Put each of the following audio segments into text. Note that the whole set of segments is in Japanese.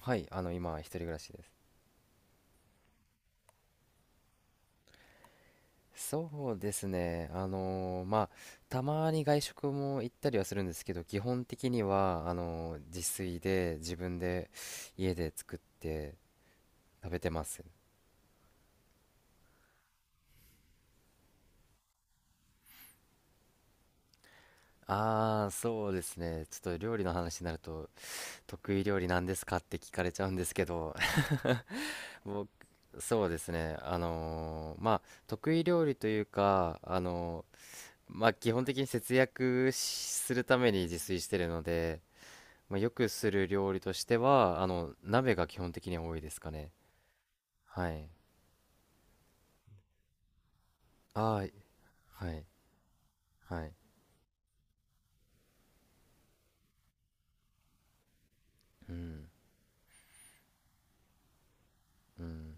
はい、今、一人暮らしです。そうですね、たまに外食も行ったりはするんですけど、基本的には、自炊で、自分で、家で作って食べてます。ああ、そうですね、ちょっと料理の話になると、得意料理なんですかって聞かれちゃうんですけど、僕、そうですね、まあ、得意料理というか、まあ、基本的に節約するために自炊してるので、まあ、よくする料理としては、鍋が基本的には多いですかね。はい。ああ、はい。はい。うん。うん。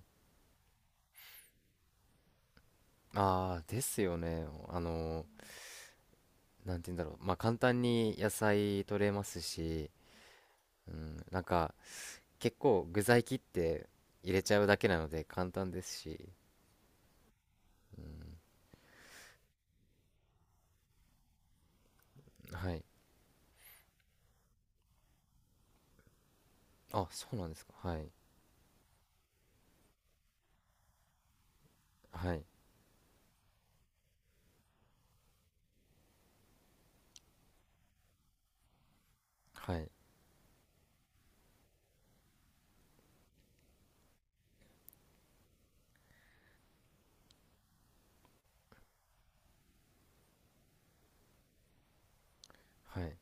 ああ、ですよね。なんて言うんだろう。まあ、簡単に野菜取れますし、うん、なんか、結構具材切って入れちゃうだけなので簡単ですし、うん、はい。あ、そうなんですか。はい。はい。はい。はい。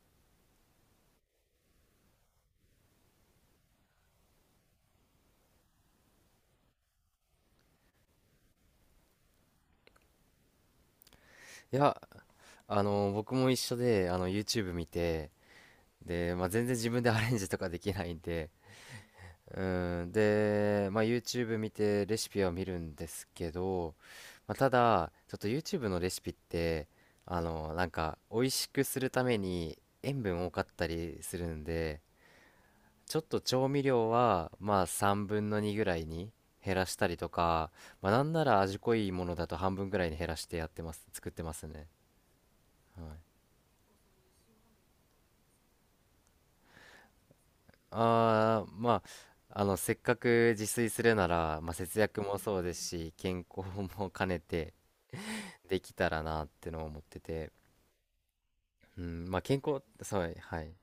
いや、僕も一緒で、YouTube 見て、で、まあ、全然自分でアレンジとかできないんで、うん、で、まあ、YouTube 見てレシピは見るんですけど、まあ、ただ、ちょっと YouTube のレシピって、なんか、美味しくするために塩分多かったりするんで、ちょっと調味料は、まあ、3分の2ぐらいに減らしたりとか、まあ、なんなら味濃いものだと半分ぐらいに減らしてやってます、作ってますね。はい。ああ、まあ、せっかく自炊するなら、まあ、節約もそうですし、健康も兼ねてできたらなってのを思ってて、うん、まあ、健康、そう、はい。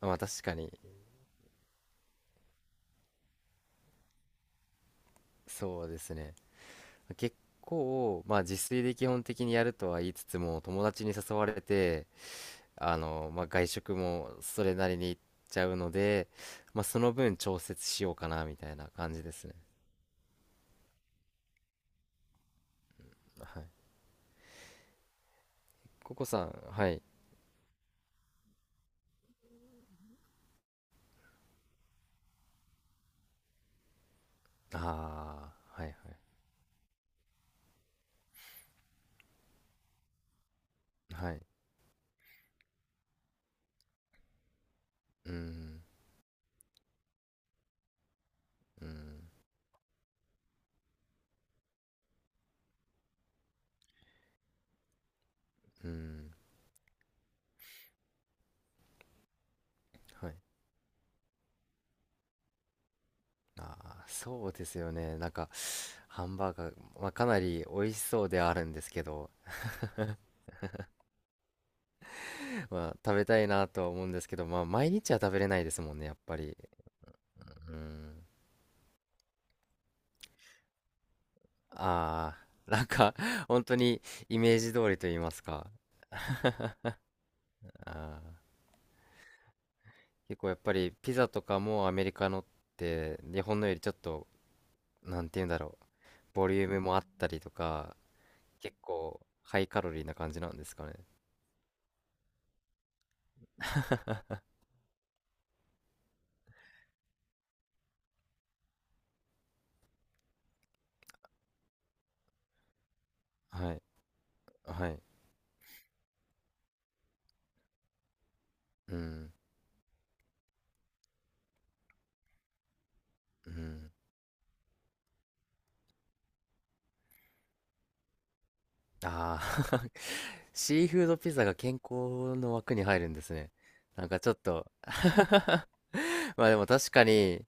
まあ、確かに、そうですね。結構、まあ、自炊で基本的にやるとは言いつつも、友達に誘われて、まあ、外食もそれなりに行っちゃうので、まあ、その分調節しようかな、みたいな感じですね。はい。ココさん、はい。ああ、はいはい。はい。うん、うん、うん、はい。あーそうですよね。なんか、ハンバーガー、まあ、かなり美味しそうではあるんですけど、まあ、食べたいなとは思うんですけど、まあ、毎日は食べれないですもんね、やっぱり。うん。ああ、なんか、本当にイメージ通りと言いますか。あー結構やっぱり、ピザとかもアメリカのって、日本のよりちょっと、なんて言うんだろう、ボリュームもあったりとか、結構、ハイカロリーな感じなんですかね。はい。はい。うん。うん。ああ シーフードピザが健康の枠に入るんですね。なんかちょっと まあでも確かに、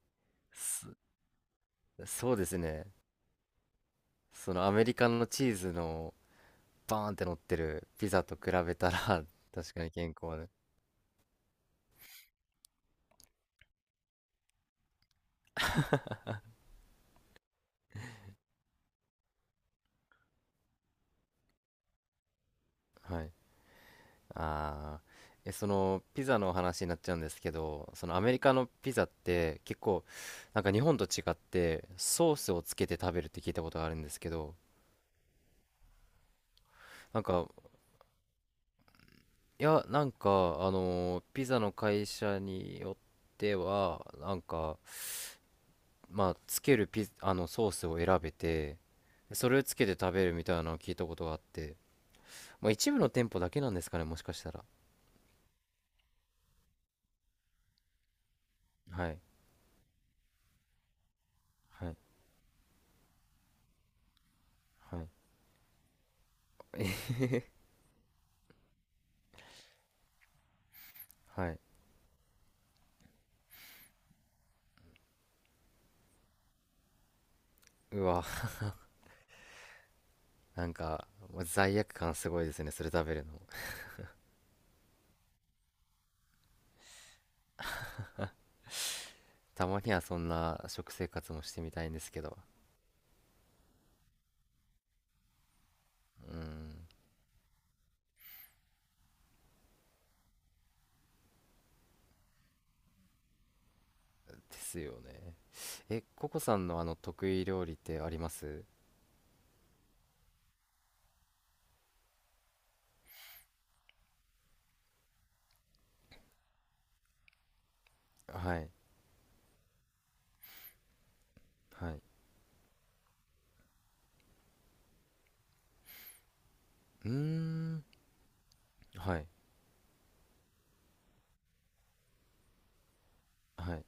そうですね。そのアメリカのチーズのバーンって乗ってるピザと比べたら 確かに健康で。はい。ああ。え、そのピザの話になっちゃうんですけど、そのアメリカのピザって結構なんか日本と違ってソースをつけて食べるって聞いたことがあるんですけど、なんか、いや、なんか、ピザの会社によっては、なんか、まあ、つけるピ、あの、ソースを選べて、それをつけて食べるみたいなのを聞いたことがあって、まあ、一部の店舗だけなんですかね、もしかしたら。はい、はい、はい、はい。うわ、なんか、もう罪悪感すごいですね、それ食べるの。たまにはそんな食生活もしてみたいんですけど。うん、ですよね。え、ココさんの得意料理ってあります？はい。はい。うーん。はい。はい。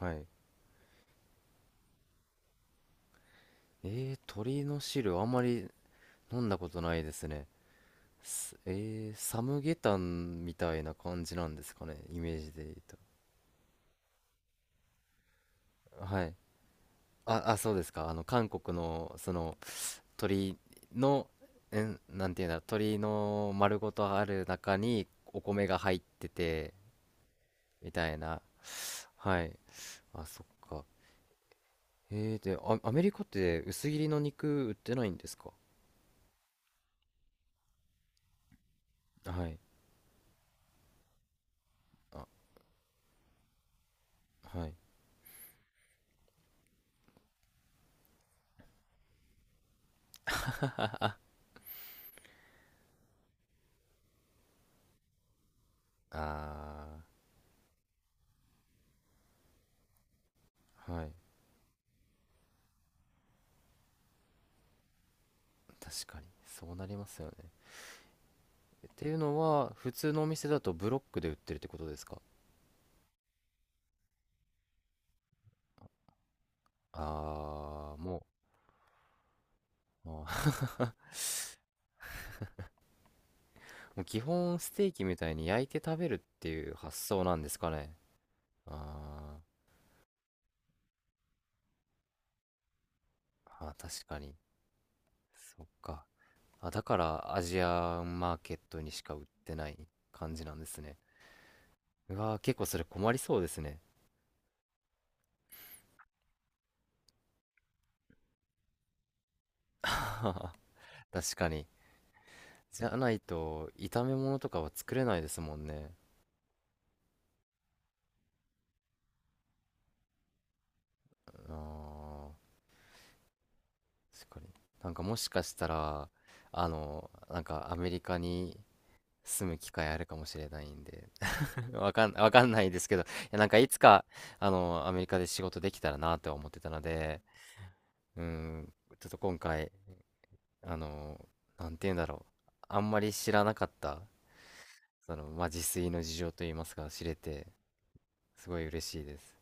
はい。鳥の汁あんまり飲んだことないですね。すえー、サムゲタンみたいな感じなんですかね。イメージで言うと。はい。あ、あ、そうですか。韓国の、その、鳥の、なんていうんだ、鳥の丸ごとある中にお米が入ってて、みたいな。はい。あ、そっか。で、アメリカって薄切りの肉売ってないんですか？はい。あ、はい。ああ、はい。確かに。そうなりますよね。っていうのは、普通のお店だとブロックで売ってるってことですか？ああー、もう、あー もう基本ステーキみたいに焼いて食べるっていう発想なんですかね。あーあー、確かに。そっか。あ、だからアジアンマーケットにしか売ってない感じなんですね。うわー、結構それ困りそうですね。確かに。じゃないと、炒め物とかは作れないですもんね。あー、確かに。なんか、もしかしたらなんかアメリカに住む機会あるかもしれないんで、 わかんないですけど、いや、なんかいつかアメリカで仕事できたらなとは思ってたので、うん、ちょっと今回あのなんて言うんだろう、あんまり知らなかったその、まあ、自炊の事情といいますか、知れてすごい嬉しいです。